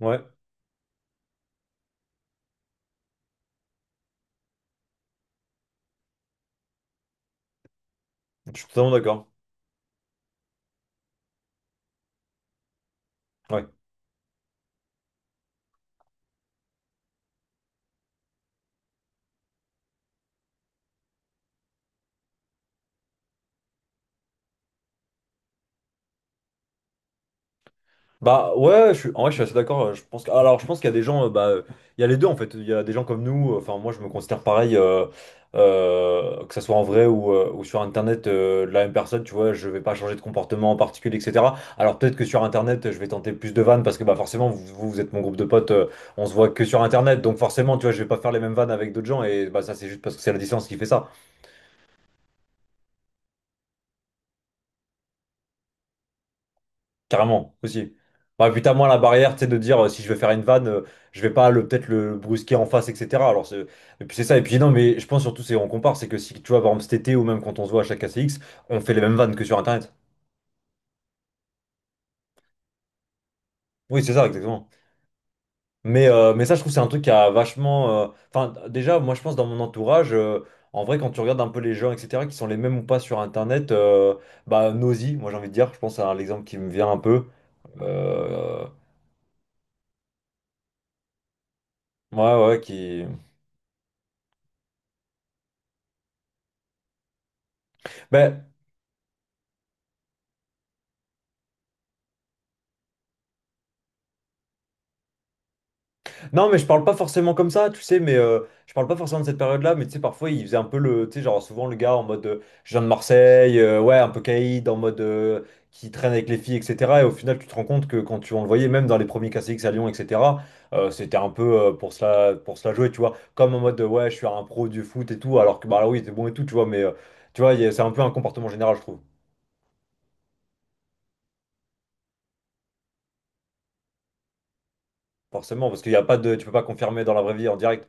Ouais, je suis totalement d'accord. Ouais. Bah ouais, je suis, en vrai, je suis assez d'accord. Je pense que, alors, je pense qu'il y a des gens, bah, il y a les deux en fait. Il y a des gens comme nous. Enfin, moi, je me considère pareil, que ça soit en vrai ou sur Internet, la même personne. Tu vois, je vais pas changer de comportement en particulier, etc. Alors peut-être que sur Internet, je vais tenter plus de vannes parce que bah forcément, vous, vous vous êtes mon groupe de potes. On se voit que sur Internet, donc forcément, tu vois, je vais pas faire les mêmes vannes avec d'autres gens et bah ça, c'est juste parce que c'est la distance qui fait ça. Carrément, aussi. Bah, putain, moi, la barrière, tu sais, de dire si je vais faire une vanne, je vais pas le peut-être le brusquer en face, etc. Alors, et puis c'est ça. Et puis, non, mais je pense surtout, c'est on compare, c'est que si tu vois, par exemple, cet été ou même quand on se voit à chaque ACX, on fait les mêmes vannes que sur Internet. Oui, c'est ça, exactement. Mais ça, je trouve, c'est un truc qui a vachement. Enfin, déjà, moi, je pense dans mon entourage, en vrai, quand tu regardes un peu les gens, etc., qui sont les mêmes ou pas sur Internet, bah, Nosy, moi, j'ai envie de dire, je pense à l'exemple qui me vient un peu. Euh, Ouais, ouais, qui. Ben, non, mais je parle pas forcément comme ça, tu sais, mais je parle pas forcément de cette période-là, mais tu sais, parfois, il faisait un peu le, tu sais, genre, souvent, le gars en mode, je viens de Marseille, ouais, un peu caïd, en mode, qui traîne avec les filles, etc. Et au final, tu te rends compte que quand tu, on le voyait, même dans les premiers KCX à Lyon, etc., c'était un peu pour cela jouer, tu vois, comme en mode, ouais, je suis un pro du foot et tout, alors que, bah, là, oui, il était bon et tout, tu vois, mais, tu vois, c'est un peu un comportement général, je trouve, forcément, parce qu'il y a pas de, tu peux pas confirmer dans la vraie vie en direct.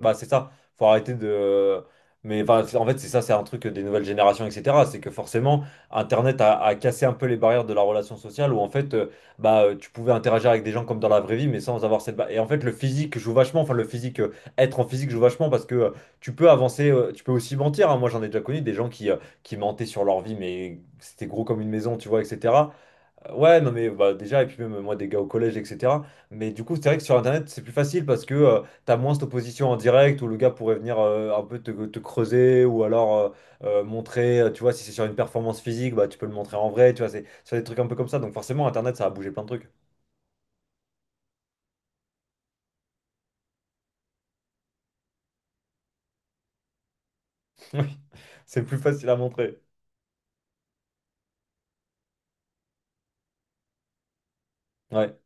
Bah, c'est ça, faut arrêter de. Mais enfin, en fait, c'est ça, c'est un truc des nouvelles générations, etc. C'est que forcément, Internet a cassé un peu les barrières de la relation sociale où en fait, bah, tu pouvais interagir avec des gens comme dans la vraie vie, mais sans avoir cette. Et en fait, le physique joue vachement, enfin, le physique, être en physique joue vachement parce que tu peux avancer, tu peux aussi mentir, hein. Moi, j'en ai déjà connu des gens qui mentaient sur leur vie, mais c'était gros comme une maison, tu vois, etc. Ouais, non, mais bah, déjà, et puis même moi, des gars au collège, etc. Mais du coup, c'est vrai que sur Internet, c'est plus facile parce que t'as moins cette opposition en direct où le gars pourrait venir un peu te, creuser ou alors montrer, tu vois, si c'est sur une performance physique, bah, tu peux le montrer en vrai, tu vois, c'est sur des trucs un peu comme ça. Donc forcément, Internet, ça a bougé plein de trucs. Oui, c'est plus facile à montrer. Ouais,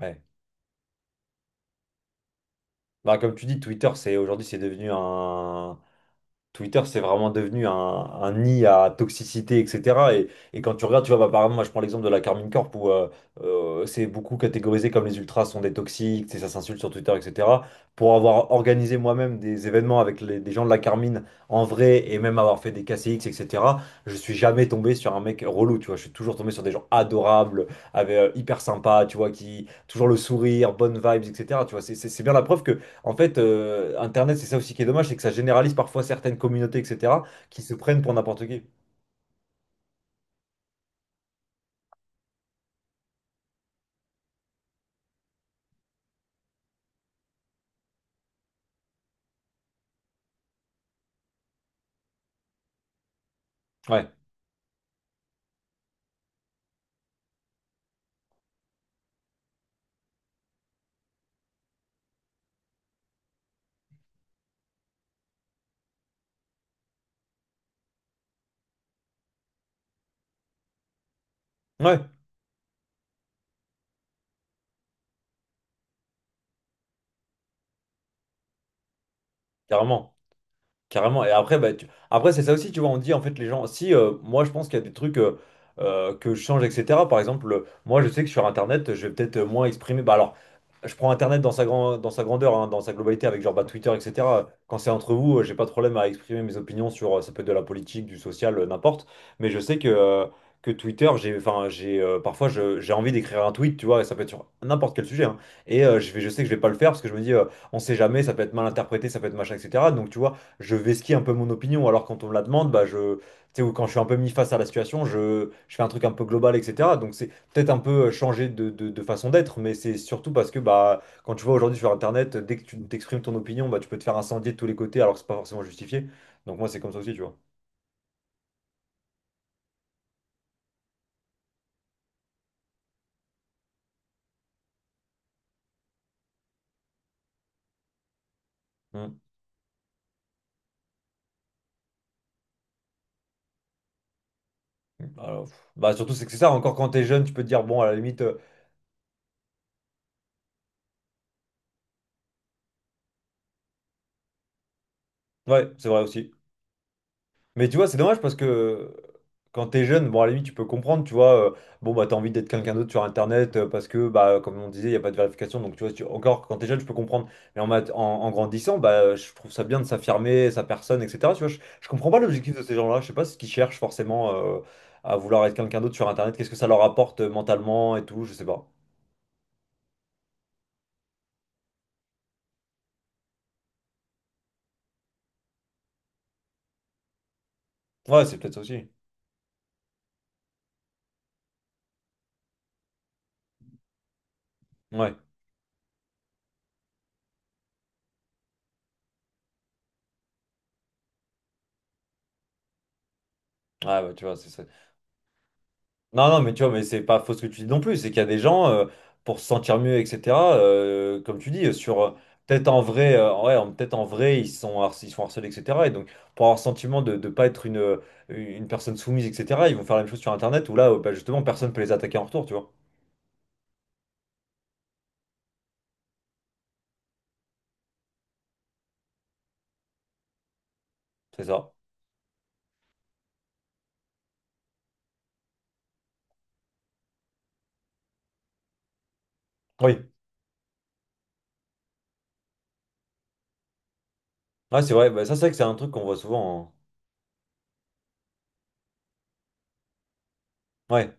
ouais. Bah, comme tu dis, Twitter, c'est aujourd'hui, c'est devenu un. Twitter, c'est vraiment devenu un nid à toxicité, etc. Et quand tu regardes, tu vois, bah, par exemple, moi je prends l'exemple de la Carmine Corp où c'est beaucoup catégorisé comme les ultras sont des toxiques, ça s'insulte sur Twitter, etc. Pour avoir organisé moi-même des événements avec des gens de la Carmine en vrai et même avoir fait des KCX, etc., je suis jamais tombé sur un mec relou, tu vois. Je suis toujours tombé sur des gens adorables, avec, hyper sympas, tu vois, qui toujours le sourire, bonnes vibes, etc. Tu vois, c'est bien la preuve que en fait, Internet, c'est ça aussi qui est dommage, c'est que ça généralise parfois certaines communautés, etc., qui se prennent pour n'importe qui. Ouais, ouais, carrément. Carrément. Et après, bah, après c'est ça aussi, tu vois, on dit en fait les gens, si moi je pense qu'il y a des trucs que je change, etc. Par exemple, moi je sais que sur Internet, je vais peut-être moins exprimer. Bah alors, je prends Internet dans sa grandeur, hein, dans sa globalité, avec genre bah, Twitter, etc. Quand c'est entre vous, j'ai pas de problème à exprimer mes opinions sur, ça peut être de la politique, du social, n'importe. Mais je sais que Twitter, j'ai, enfin, j'ai, parfois j'ai envie d'écrire un tweet, tu vois, et ça peut être sur n'importe quel sujet, hein. Et je sais que je vais pas le faire parce que je me dis, on sait jamais, ça peut être mal interprété, ça peut être machin, etc. Donc tu vois je vesquis un peu mon opinion. Alors quand on me la demande, bah je, tu sais, ou quand je suis un peu mis face à la situation, je fais un truc un peu global, etc. Donc c'est peut-être un peu changer de façon d'être, mais c'est surtout parce que bah quand tu vois aujourd'hui sur Internet, dès que tu t'exprimes ton opinion, bah tu peux te faire incendier de tous les côtés alors que c'est pas forcément justifié. Donc moi c'est comme ça aussi, tu vois. Mm. Alors, pff, bah surtout c'est que c'est ça. Encore quand t'es jeune, tu peux te dire bon à la limite, ouais c'est vrai aussi. Mais tu vois, c'est dommage parce que quand t'es jeune, bon, à la limite, tu peux comprendre, tu vois, bon, bah, t'as envie d'être quelqu'un d'autre sur Internet parce que, bah, comme on disait, il n'y a pas de vérification. Donc, tu vois, si encore, quand t'es jeune, je peux comprendre. Mais en grandissant, bah, je trouve ça bien de s'affirmer, sa personne, etc. Tu vois, je comprends pas l'objectif de ces gens-là. Je sais pas ce qu'ils cherchent forcément à vouloir être quelqu'un d'autre sur Internet. Qu'est-ce que ça leur apporte mentalement et tout, je sais pas. Ouais, c'est peut-être ça aussi. Ouais, ouais, bah, tu vois, c'est ça. Non, non, mais tu vois, mais c'est pas faux ce que tu dis non plus. C'est qu'il y a des gens, pour se sentir mieux, etc., comme tu dis, sur peut-être en vrai, ouais, peut-être en vrai, ils sont, ils sont harcelés, etc. Et donc, pour avoir le sentiment de ne pas être une personne soumise, etc., ils vont faire la même chose sur Internet où là, bah, justement, personne peut les attaquer en retour, tu vois. C'est ça. Oui. Ouais, c'est vrai. Bah, ça, c'est vrai que c'est un truc qu'on voit souvent, hein. Ouais.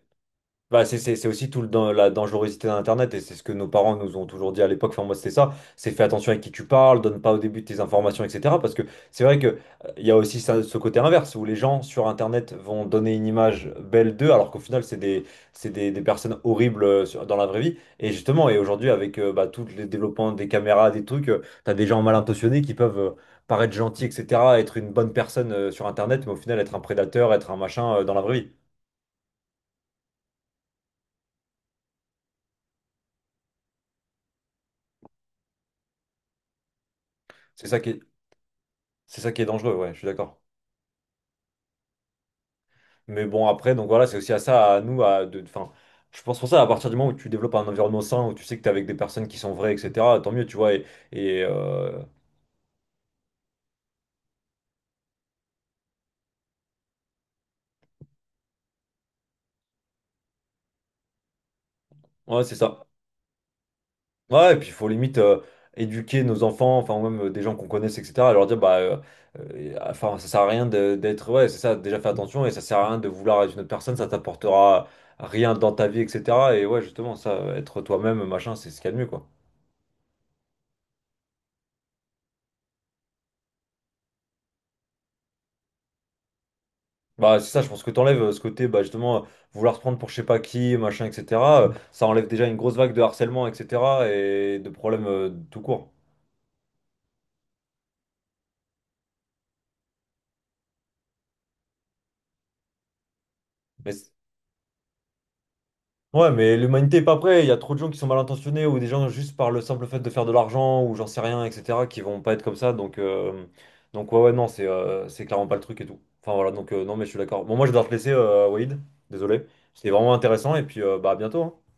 Bah, c'est aussi tout la dangerosité d'Internet et c'est ce que nos parents nous ont toujours dit à l'époque. Enfin, moi, c'était ça. C'est fais attention avec qui tu parles, donne pas au début tes informations, etc. Parce que c'est vrai que il y a aussi ce côté inverse où les gens sur Internet vont donner une image belle d'eux alors qu'au final, c'est des personnes horribles dans la vraie vie. Et justement, et aujourd'hui, avec bah, tous les développements des caméras, des trucs, t'as des gens mal intentionnés qui peuvent paraître gentils, etc., être une bonne personne sur Internet, mais au final, être un prédateur, être un machin dans la vraie vie. C'est ça qui est- C'est ça qui est dangereux, ouais, je suis d'accord. Mais bon, après, donc voilà, c'est aussi à ça, à nous, à de, enfin, je pense pour ça, à partir du moment où tu développes un environnement sain, où tu sais que t'es avec des personnes qui sont vraies, etc., tant mieux, tu vois, et, euh, ouais, c'est ça. Ouais, et puis il faut limite éduquer nos enfants, enfin, ou même des gens qu'on connaisse, etc., leur dire, bah, enfin, ça sert à rien d'être, ouais, c'est ça, déjà fais attention, et ça sert à rien de vouloir être une autre personne, ça t'apportera rien dans ta vie, etc., et ouais, justement, ça, être toi-même, machin, c'est ce qu'il y a de mieux, quoi. Bah, c'est ça, je pense que t'enlèves ce côté, bah, justement, vouloir se prendre pour je sais pas qui, machin, etc. Ça enlève déjà une grosse vague de harcèlement, etc. et de problèmes tout court. Mais ouais, mais l'humanité est pas prête. Il y a trop de gens qui sont mal intentionnés ou des gens juste par le simple fait de faire de l'argent ou j'en sais rien, etc. qui vont pas être comme ça. Donc ouais, ouais, non, c'est clairement pas le truc et tout. Enfin, voilà, donc non, mais je suis d'accord. Bon, moi, je dois te laisser, Walid. Désolé. C'était vraiment intéressant et puis, bah, à bientôt, hein.